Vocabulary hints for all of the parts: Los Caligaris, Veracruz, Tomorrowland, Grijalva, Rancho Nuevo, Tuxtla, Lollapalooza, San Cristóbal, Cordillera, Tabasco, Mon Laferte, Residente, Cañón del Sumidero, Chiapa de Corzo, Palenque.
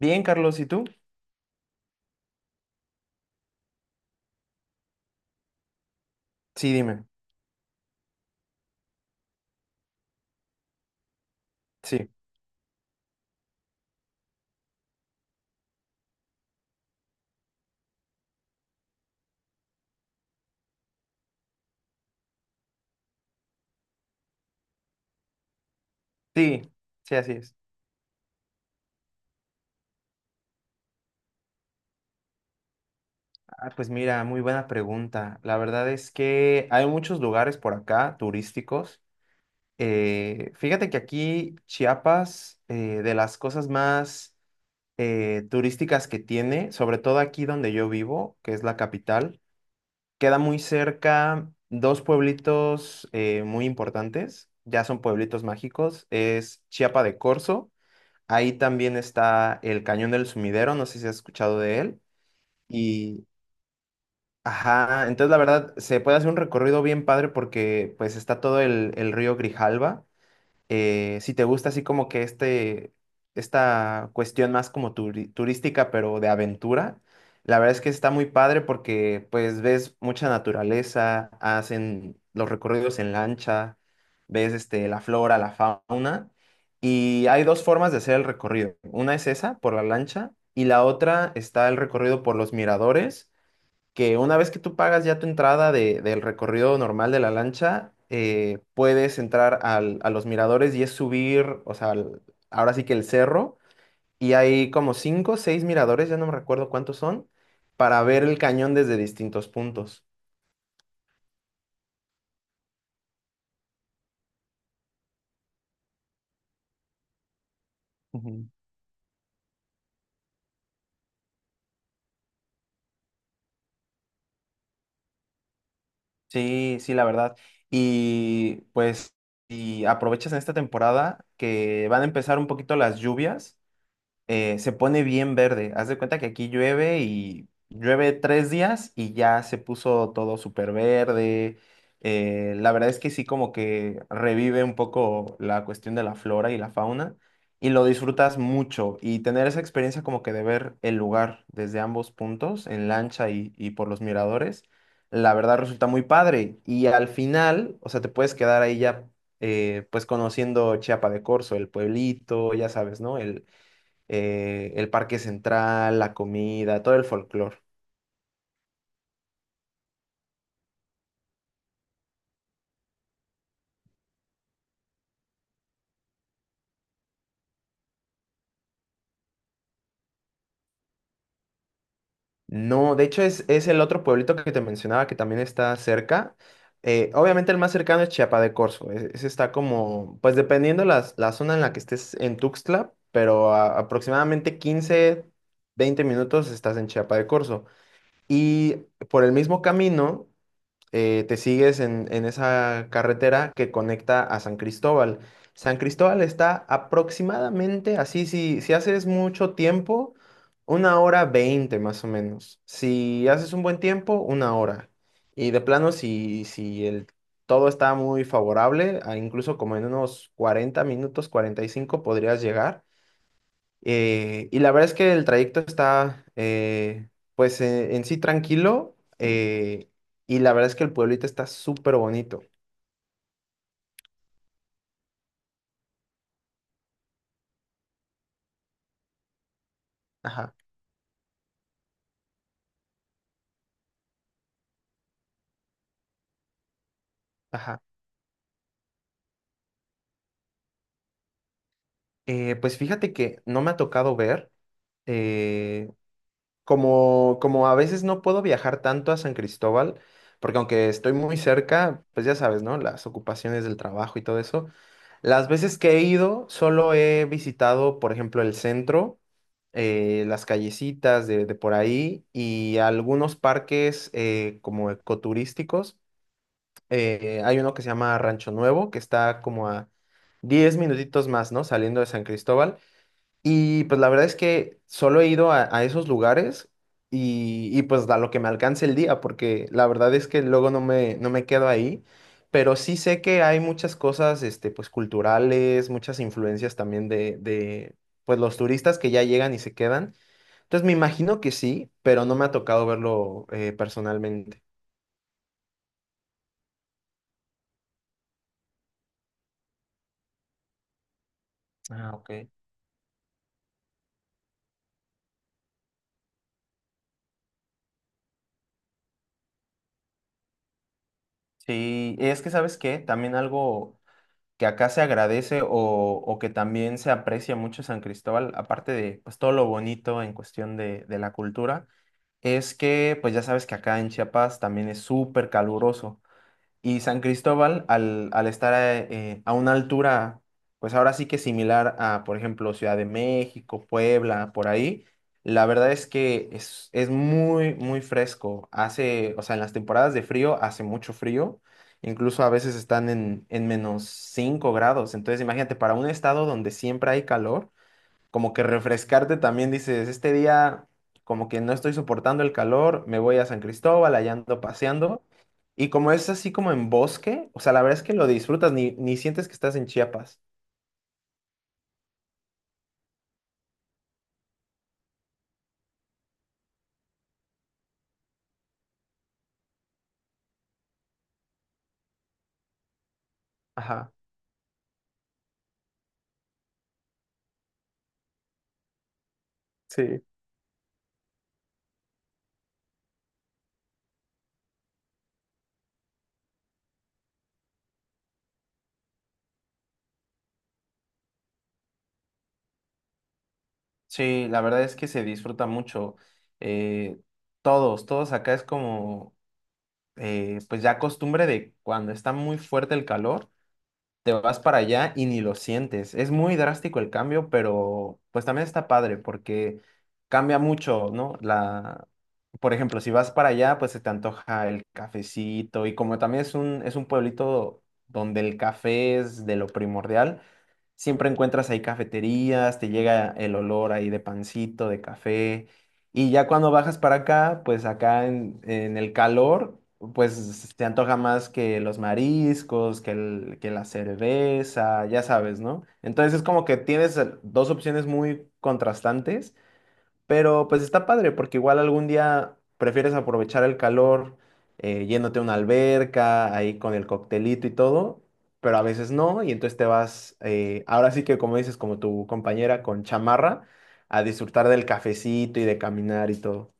Bien, Carlos, ¿y tú? Sí, dime. Sí, sí, sí, así es. Ah, pues mira, muy buena pregunta. La verdad es que hay muchos lugares por acá turísticos. Fíjate que aquí Chiapas, de las cosas más turísticas que tiene, sobre todo aquí donde yo vivo, que es la capital, queda muy cerca dos pueblitos, muy importantes, ya son pueblitos mágicos. Es Chiapa de Corzo. Ahí también está el Cañón del Sumidero, no sé si has escuchado de él. Y, ajá, entonces la verdad se puede hacer un recorrido bien padre, porque pues está todo el río Grijalva. Si te gusta así como que esta cuestión más como turística, pero de aventura, la verdad es que está muy padre, porque pues ves mucha naturaleza, hacen los recorridos en lancha, ves la flora, la fauna, y hay dos formas de hacer el recorrido. Una es esa, por la lancha, y la otra está el recorrido por los miradores, que una vez que tú pagas ya tu entrada del recorrido normal de la lancha, puedes entrar a los miradores, y es subir, o sea, ahora sí que el cerro, y hay como cinco o seis miradores, ya no me recuerdo cuántos son, para ver el cañón desde distintos puntos. Ujú. Sí, sí, la verdad. Y pues, y aprovechas en esta temporada que van a empezar un poquito las lluvias. Se pone bien verde. Haz de cuenta que aquí llueve y llueve 3 días y ya se puso todo súper verde. La verdad es que sí, como que revive un poco la cuestión de la flora y la fauna, y lo disfrutas mucho. Y tener esa experiencia como que de ver el lugar desde ambos puntos, en lancha y por los miradores, la verdad resulta muy padre. Y al final, o sea, te puedes quedar ahí ya, pues conociendo Chiapa de Corzo, el pueblito, ya sabes, ¿no? El parque central, la comida, todo el folclore. No, de hecho es el otro pueblito que te mencionaba, que también está cerca. Obviamente el más cercano es Chiapa de Corzo. Ese está como, pues, dependiendo la zona en la que estés en Tuxtla, pero aproximadamente 15, 20 minutos estás en Chiapa de Corzo. Y por el mismo camino, te sigues en esa carretera que conecta a San Cristóbal. San Cristóbal está aproximadamente, así si haces mucho tiempo, una hora 20 más o menos. Si haces un buen tiempo, una hora. Y de plano, si todo está muy favorable, a incluso como en unos 40 minutos, 45, podrías llegar. Y la verdad es que el trayecto está, pues, en sí, tranquilo. eh, y la verdad es que el pueblito está súper bonito. Ajá, ajá. Pues fíjate que no me ha tocado ver, eh, como, a veces no puedo viajar tanto a San Cristóbal, porque aunque estoy muy cerca, pues ya sabes, ¿no? Las ocupaciones del trabajo y todo eso. Las veces que he ido, solo he visitado, por ejemplo, el centro, las callecitas de por ahí, y algunos parques, como ecoturísticos. Hay uno que se llama Rancho Nuevo, que está como a 10 minutitos más, ¿no? Saliendo de San Cristóbal. Y pues la verdad es que solo he ido a esos lugares y, pues a lo que me alcance el día, porque la verdad es que luego no me quedo ahí, pero sí sé que hay muchas cosas, pues culturales, muchas influencias también de, pues, los turistas que ya llegan y se quedan. Entonces me imagino que sí, pero no me ha tocado verlo, personalmente. Ah, ok. Sí, es que ¿sabes qué? También algo que acá se agradece, o que también se aprecia mucho San Cristóbal, aparte de, pues, todo lo bonito en cuestión de la cultura, es que pues ya sabes que acá en Chiapas también es súper caluroso. Y San Cristóbal, al estar, a una altura, pues ahora sí que similar a, por ejemplo, Ciudad de México, Puebla, por ahí, la verdad es que es muy, muy fresco. Hace, o sea, en las temporadas de frío hace mucho frío, incluso a veces están en -5 grados. Entonces, imagínate, para un estado donde siempre hay calor, como que refrescarte también, dices, este día como que no estoy soportando el calor, me voy a San Cristóbal, allá ando paseando. Y como es así como en bosque, o sea, la verdad es que lo disfrutas, ni sientes que estás en Chiapas. Ajá. Sí. Sí, la verdad es que se disfruta mucho. eh, todos acá es como, pues, ya costumbre de cuando está muy fuerte el calor, te vas para allá y ni lo sientes. Es muy drástico el cambio, pero pues también está padre, porque cambia mucho, ¿no? Por ejemplo, si vas para allá, pues se te antoja el cafecito, y como también es un pueblito donde el café es de lo primordial, siempre encuentras ahí cafeterías, te llega el olor ahí de pancito, de café. Y ya cuando bajas para acá, pues acá en el calor, pues te antoja más que los mariscos, que la cerveza, ya sabes, ¿no? Entonces es como que tienes, dos opciones muy contrastantes, pero pues está padre, porque igual algún día prefieres aprovechar el calor yéndote a una alberca, ahí con el coctelito y todo, pero a veces no, y entonces te vas, ahora sí que como dices, como tu compañera con chamarra, a disfrutar del cafecito y de caminar y todo.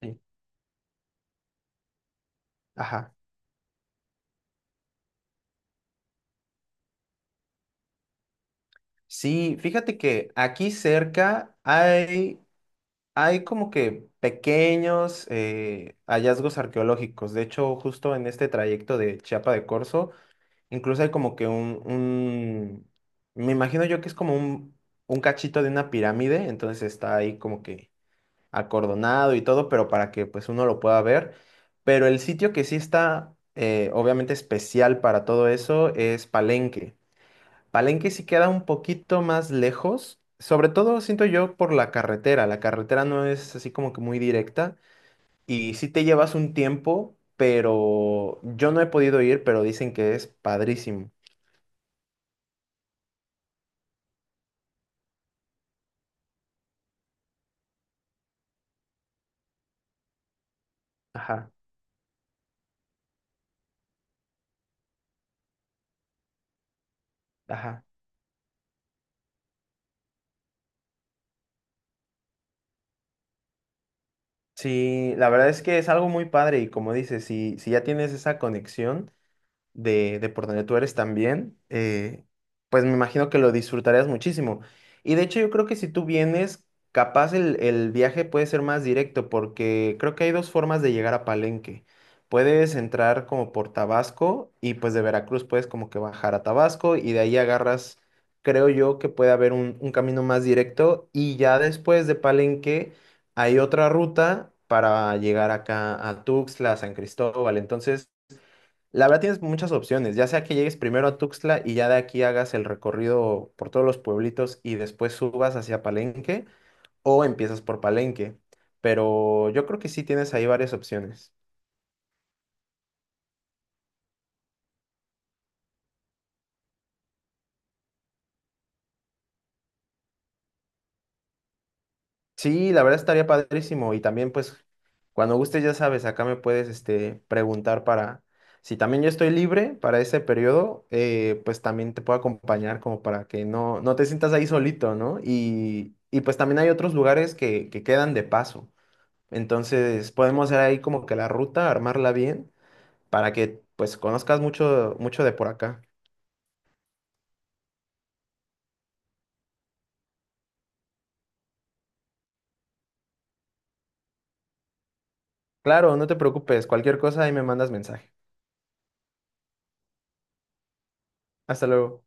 Sí. Ajá. Sí, fíjate que aquí cerca hay como que pequeños, hallazgos arqueológicos. De hecho, justo en este trayecto de Chiapa de Corzo, incluso hay como que me imagino yo que es como un cachito de una pirámide, entonces está ahí como que acordonado y todo, pero para que pues uno lo pueda ver. Pero el sitio que sí está, obviamente, especial para todo eso es Palenque. Palenque sí queda un poquito más lejos, sobre todo siento yo por la carretera. La carretera no es así como que muy directa, y sí te llevas un tiempo, pero yo no he podido ir, pero dicen que es padrísimo. Ajá. Ajá. Sí, la verdad es que es algo muy padre, y como dices, si ya tienes esa conexión de por donde tú eres también, pues me imagino que lo disfrutarías muchísimo. Y de hecho, yo creo que si tú vienes, capaz el viaje puede ser más directo, porque creo que hay dos formas de llegar a Palenque. Puedes entrar como por Tabasco, y pues de Veracruz puedes como que bajar a Tabasco y de ahí agarras, creo yo, que puede haber un camino más directo, y ya después de Palenque hay otra ruta para llegar acá a Tuxtla, a San Cristóbal. Entonces... la verdad tienes muchas opciones, ya sea que llegues primero a Tuxtla y ya de aquí hagas el recorrido por todos los pueblitos y después subas hacia Palenque, o empiezas por Palenque, pero yo creo que sí tienes ahí varias opciones. Sí, la verdad estaría padrísimo, y también pues cuando gustes ya sabes, acá me puedes, preguntar para, si también yo estoy libre para ese periodo, pues también te puedo acompañar como para que no te sientas ahí solito, ¿no? Y pues también hay otros lugares que quedan de paso. Entonces podemos hacer ahí como que la ruta, armarla bien, para que pues conozcas mucho, mucho de por acá. Claro, no te preocupes, cualquier cosa ahí me mandas mensaje. Hasta luego.